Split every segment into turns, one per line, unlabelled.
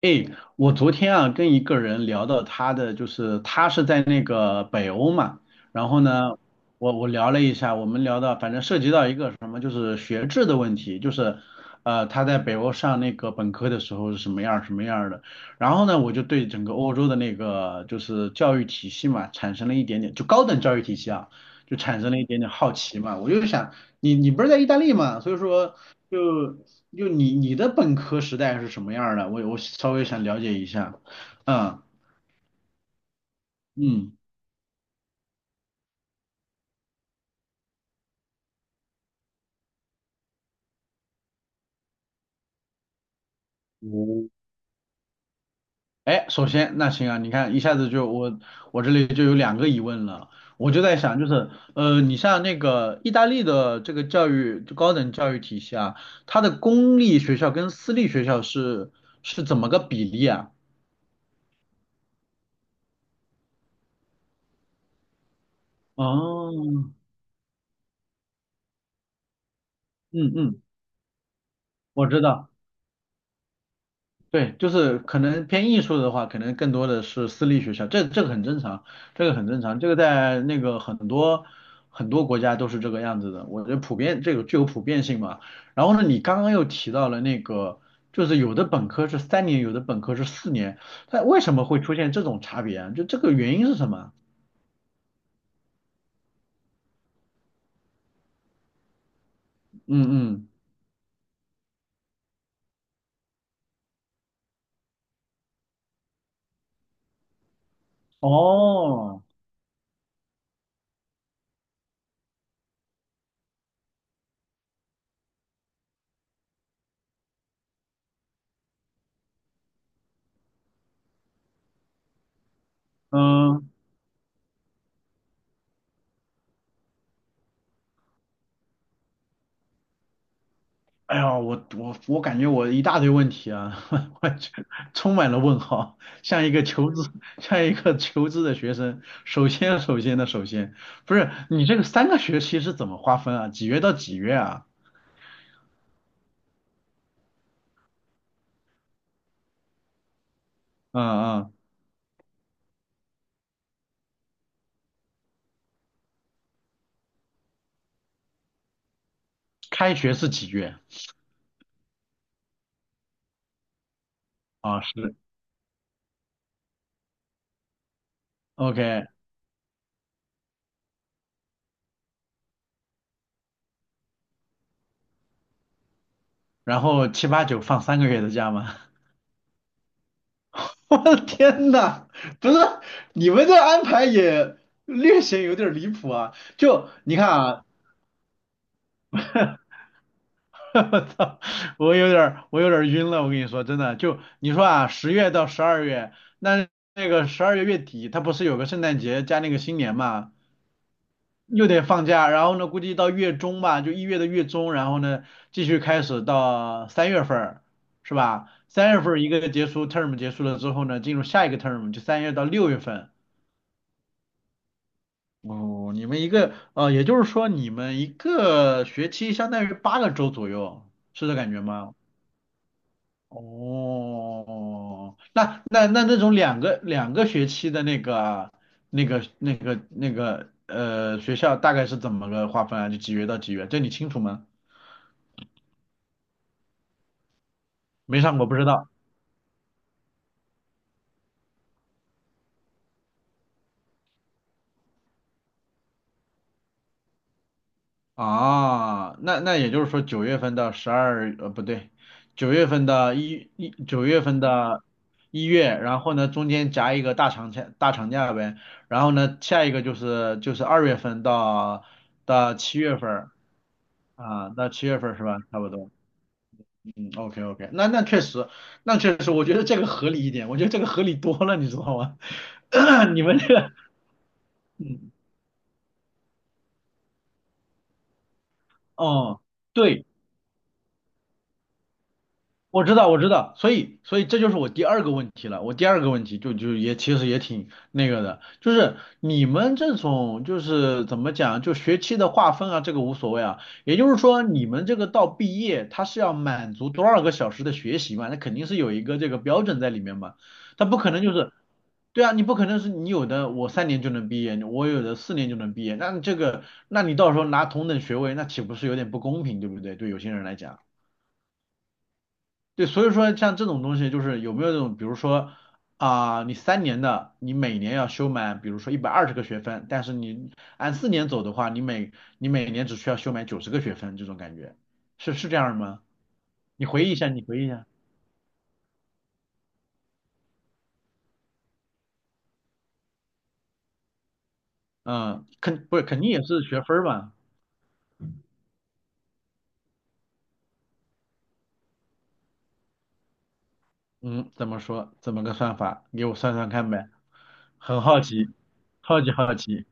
诶，我昨天啊跟一个人聊到他的，就是他是在那个北欧嘛，然后呢，我聊了一下，我们聊到反正涉及到一个什么，就是学制的问题，就是他在北欧上那个本科的时候是什么样儿什么样儿的，然后呢我就对整个欧洲的那个就是教育体系嘛产生了一点点，就高等教育体系啊，就产生了一点点好奇嘛。我就想你不是在意大利嘛，所以说就你的本科时代是什么样儿的？我稍微想了解一下。嗯嗯，我，哎，首先那行啊，你看一下子就我这里就有两个疑问了。我就在想就是，你像那个意大利的这个教育就高等教育体系啊，它的公立学校跟私立学校是怎么个比例啊？哦，嗯嗯，我知道。对，就是可能偏艺术的话，可能更多的是私立学校。这个很正常，这个很正常，这个在那个很多很多国家都是这个样子的，我觉得普遍这个具有普遍性嘛。然后呢，你刚刚又提到了那个，就是有的本科是三年，有的本科是四年，它为什么会出现这种差别啊？就这个原因是什么啊？嗯嗯，哦，嗯。哎呀，我感觉我一大堆问题啊，我就充满了问号，像一个求知，像一个求知的学生。首先，首先的首先，不是你这个三个学期是怎么划分啊？几月到几月啊？嗯嗯，开学是几月啊？是 OK，然后七八九放三个月的假吗？我的天呐，不是你们这安排也略显有点离谱啊！就你看啊，我操，我有点儿，我有点儿晕了。我跟你说，真的，就你说啊，10月到12月，那12月月底，它不是有个圣诞节加那个新年嘛，又得放假。然后呢，估计到月中吧，就1月的月中，然后呢，继续开始到三月份儿，是吧？三月份儿一个结束 term 结束了之后呢，进入下一个 term，就3月到6月份。哦，你们一个，呃，也就是说你们一个学期相当于8个周左右，是这感觉吗？哦，那种两个学期的那个啊那个学校大概是怎么个划分啊？就几月到几月？这你清楚吗？没上过不知道啊。那那也就是说九月份到十二不对，9月份的1月，然后呢中间夹一个大长假大长假呗，然后呢下一个就是就是2月份到七月份儿啊，到七月份儿是吧？差不多。OK OK，那那确实，那确实，我觉得这个合理一点，我觉得这个合理多了，你知道吗？你们这个，哦，对，我知道，我知道，所以，所以这就是我第二个问题了。我第二个问题也其实也挺那个的，就是你们这种就是怎么讲，就学期的划分啊，这个无所谓啊。也就是说，你们这个到毕业，它是要满足多少个小时的学习嘛？那肯定是有一个这个标准在里面嘛。它不可能就是，对啊，你不可能是你有的我三年就能毕业，我有的四年就能毕业，那这个，那你到时候拿同等学位，那岂不是有点不公平，对不对？对有些人来讲。对，所以说像这种东西，就是有没有这种，比如说你三年的，你每年要修满，比如说120个学分，但是你按四年走的话，你每年只需要修满90个学分，这种感觉是这样吗？你回忆一下，你回忆一下。嗯，不是肯定也是学分儿吧？嗯，怎么说？怎么个算法？给我算算看呗，很好奇，好奇好奇。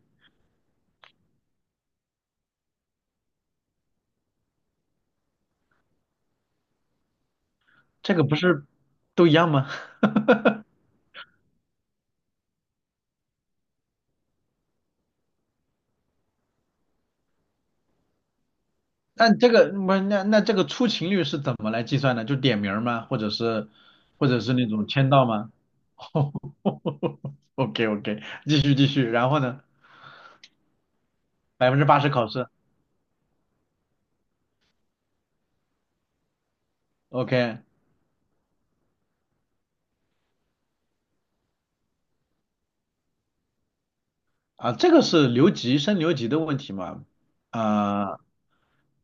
这个不是都一样吗？那这个不是那那这个出勤率是怎么来计算的？就点名儿吗？或者是或者是那种签到吗？OK OK，继续继续。然后呢？80%考试。OK， 啊，这个是留级留级的问题嘛？啊、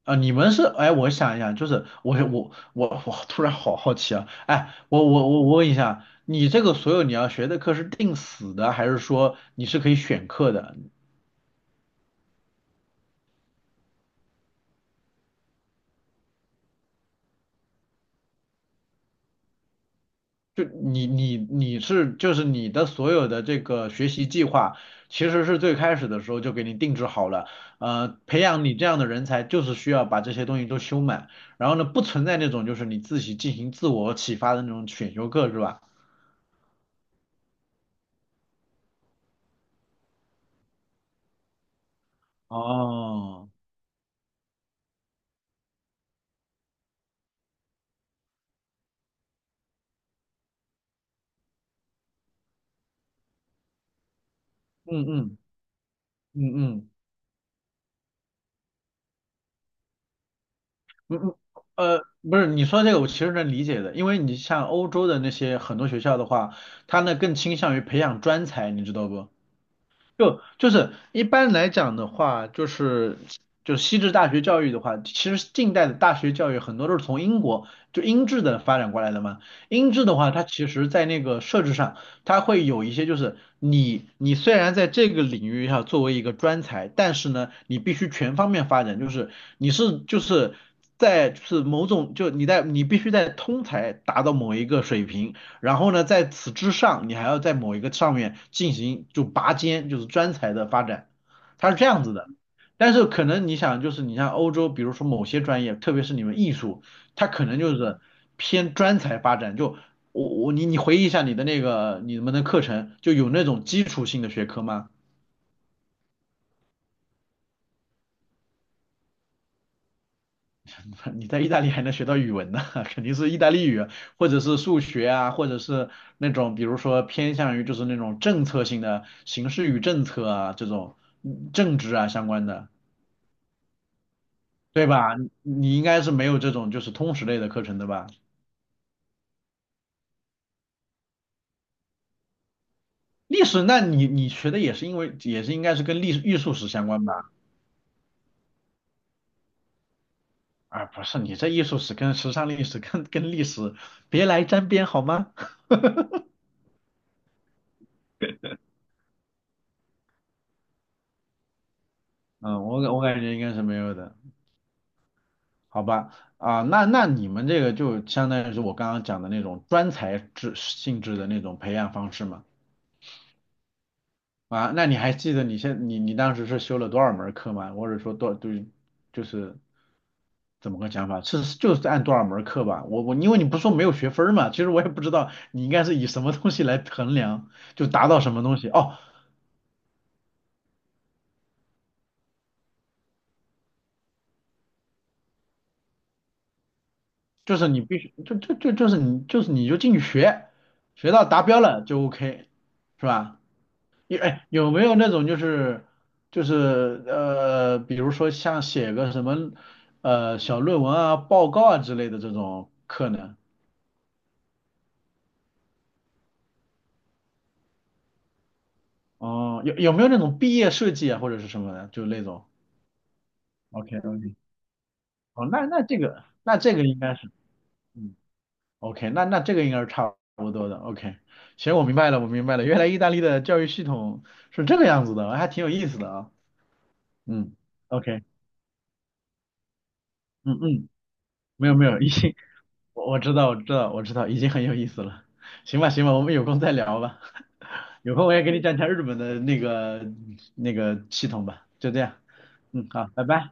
啊，你们是哎，我想一想，就是我突然好好奇啊！哎，我问一下，你这个所有你要学的课是定死的，还是说你是可以选课的？就你是就是你的所有的这个学习计划，其实是最开始的时候就给你定制好了。呃，培养你这样的人才，就是需要把这些东西都修满。然后呢，不存在那种就是你自己进行自我启发的那种选修课，是吧？哦，嗯嗯嗯嗯嗯嗯，不是，你说这个我其实能理解的，因为你像欧洲的那些很多学校的话，他呢更倾向于培养专才，你知道不？就是一般来讲的话，就是就是西制大学教育的话，其实近代的大学教育很多都是从英国就英制的发展过来的嘛。英制的话，它其实在那个设置上，它会有一些就是你虽然在这个领域上作为一个专才，但是呢，你必须全方面发展，就是你是就是在就是某种就你在你必须在通才达到某一个水平，然后呢，在此之上，你还要在某一个上面进行就拔尖，就是专才的发展，它是这样子的。但是可能你想，就是你像欧洲，比如说某些专业，特别是你们艺术，它可能就是偏专才发展。就我我你回忆一下你的那个你们的课程，就有那种基础性的学科吗？你在意大利还能学到语文呢，肯定是意大利语，或者是数学啊，或者是那种比如说偏向于就是那种政策性的形势与政策啊这种政治啊相关的，对吧？你你应该是没有这种就是通识类的课程的吧？历史，那你学的也是因为也是应该是跟艺术史相关吧？啊，不是，你这艺术史跟时尚历史跟跟历史别来沾边好吗？嗯，我感觉应该是没有的。好吧，啊，那那你们这个就相当于是我刚刚讲的那种专才制性质的那种培养方式嘛？啊，那你还记得你你你当时是修了多少门课吗？或者说多对，就是怎么个讲法？是就是按多少门课吧？我因为你不说没有学分儿嘛，其实我也不知道你应该是以什么东西来衡量，就达到什么东西哦，就是你必须就是你就是你就进去学，学到达标了就 OK，是吧？有哎，有没有那种就是就是，比如说像写个什么小论文啊、报告啊之类的这种课呢？哦，有有没有那种毕业设计啊，或者是什么的，就那种？OK OK，哦，那那这个那这个应该是嗯 OK，那那这个应该是差不多的 OK。行，我明白了，我明白了，原来意大利的教育系统是这个样子的，还挺有意思的啊。嗯，OK，嗯嗯，没有没有，已经我知道，我知道，我知道，已经很有意思了。行吧，行吧，我们有空再聊吧。有空我也给你讲讲日本的那个那个系统吧。就这样，嗯，好，拜拜。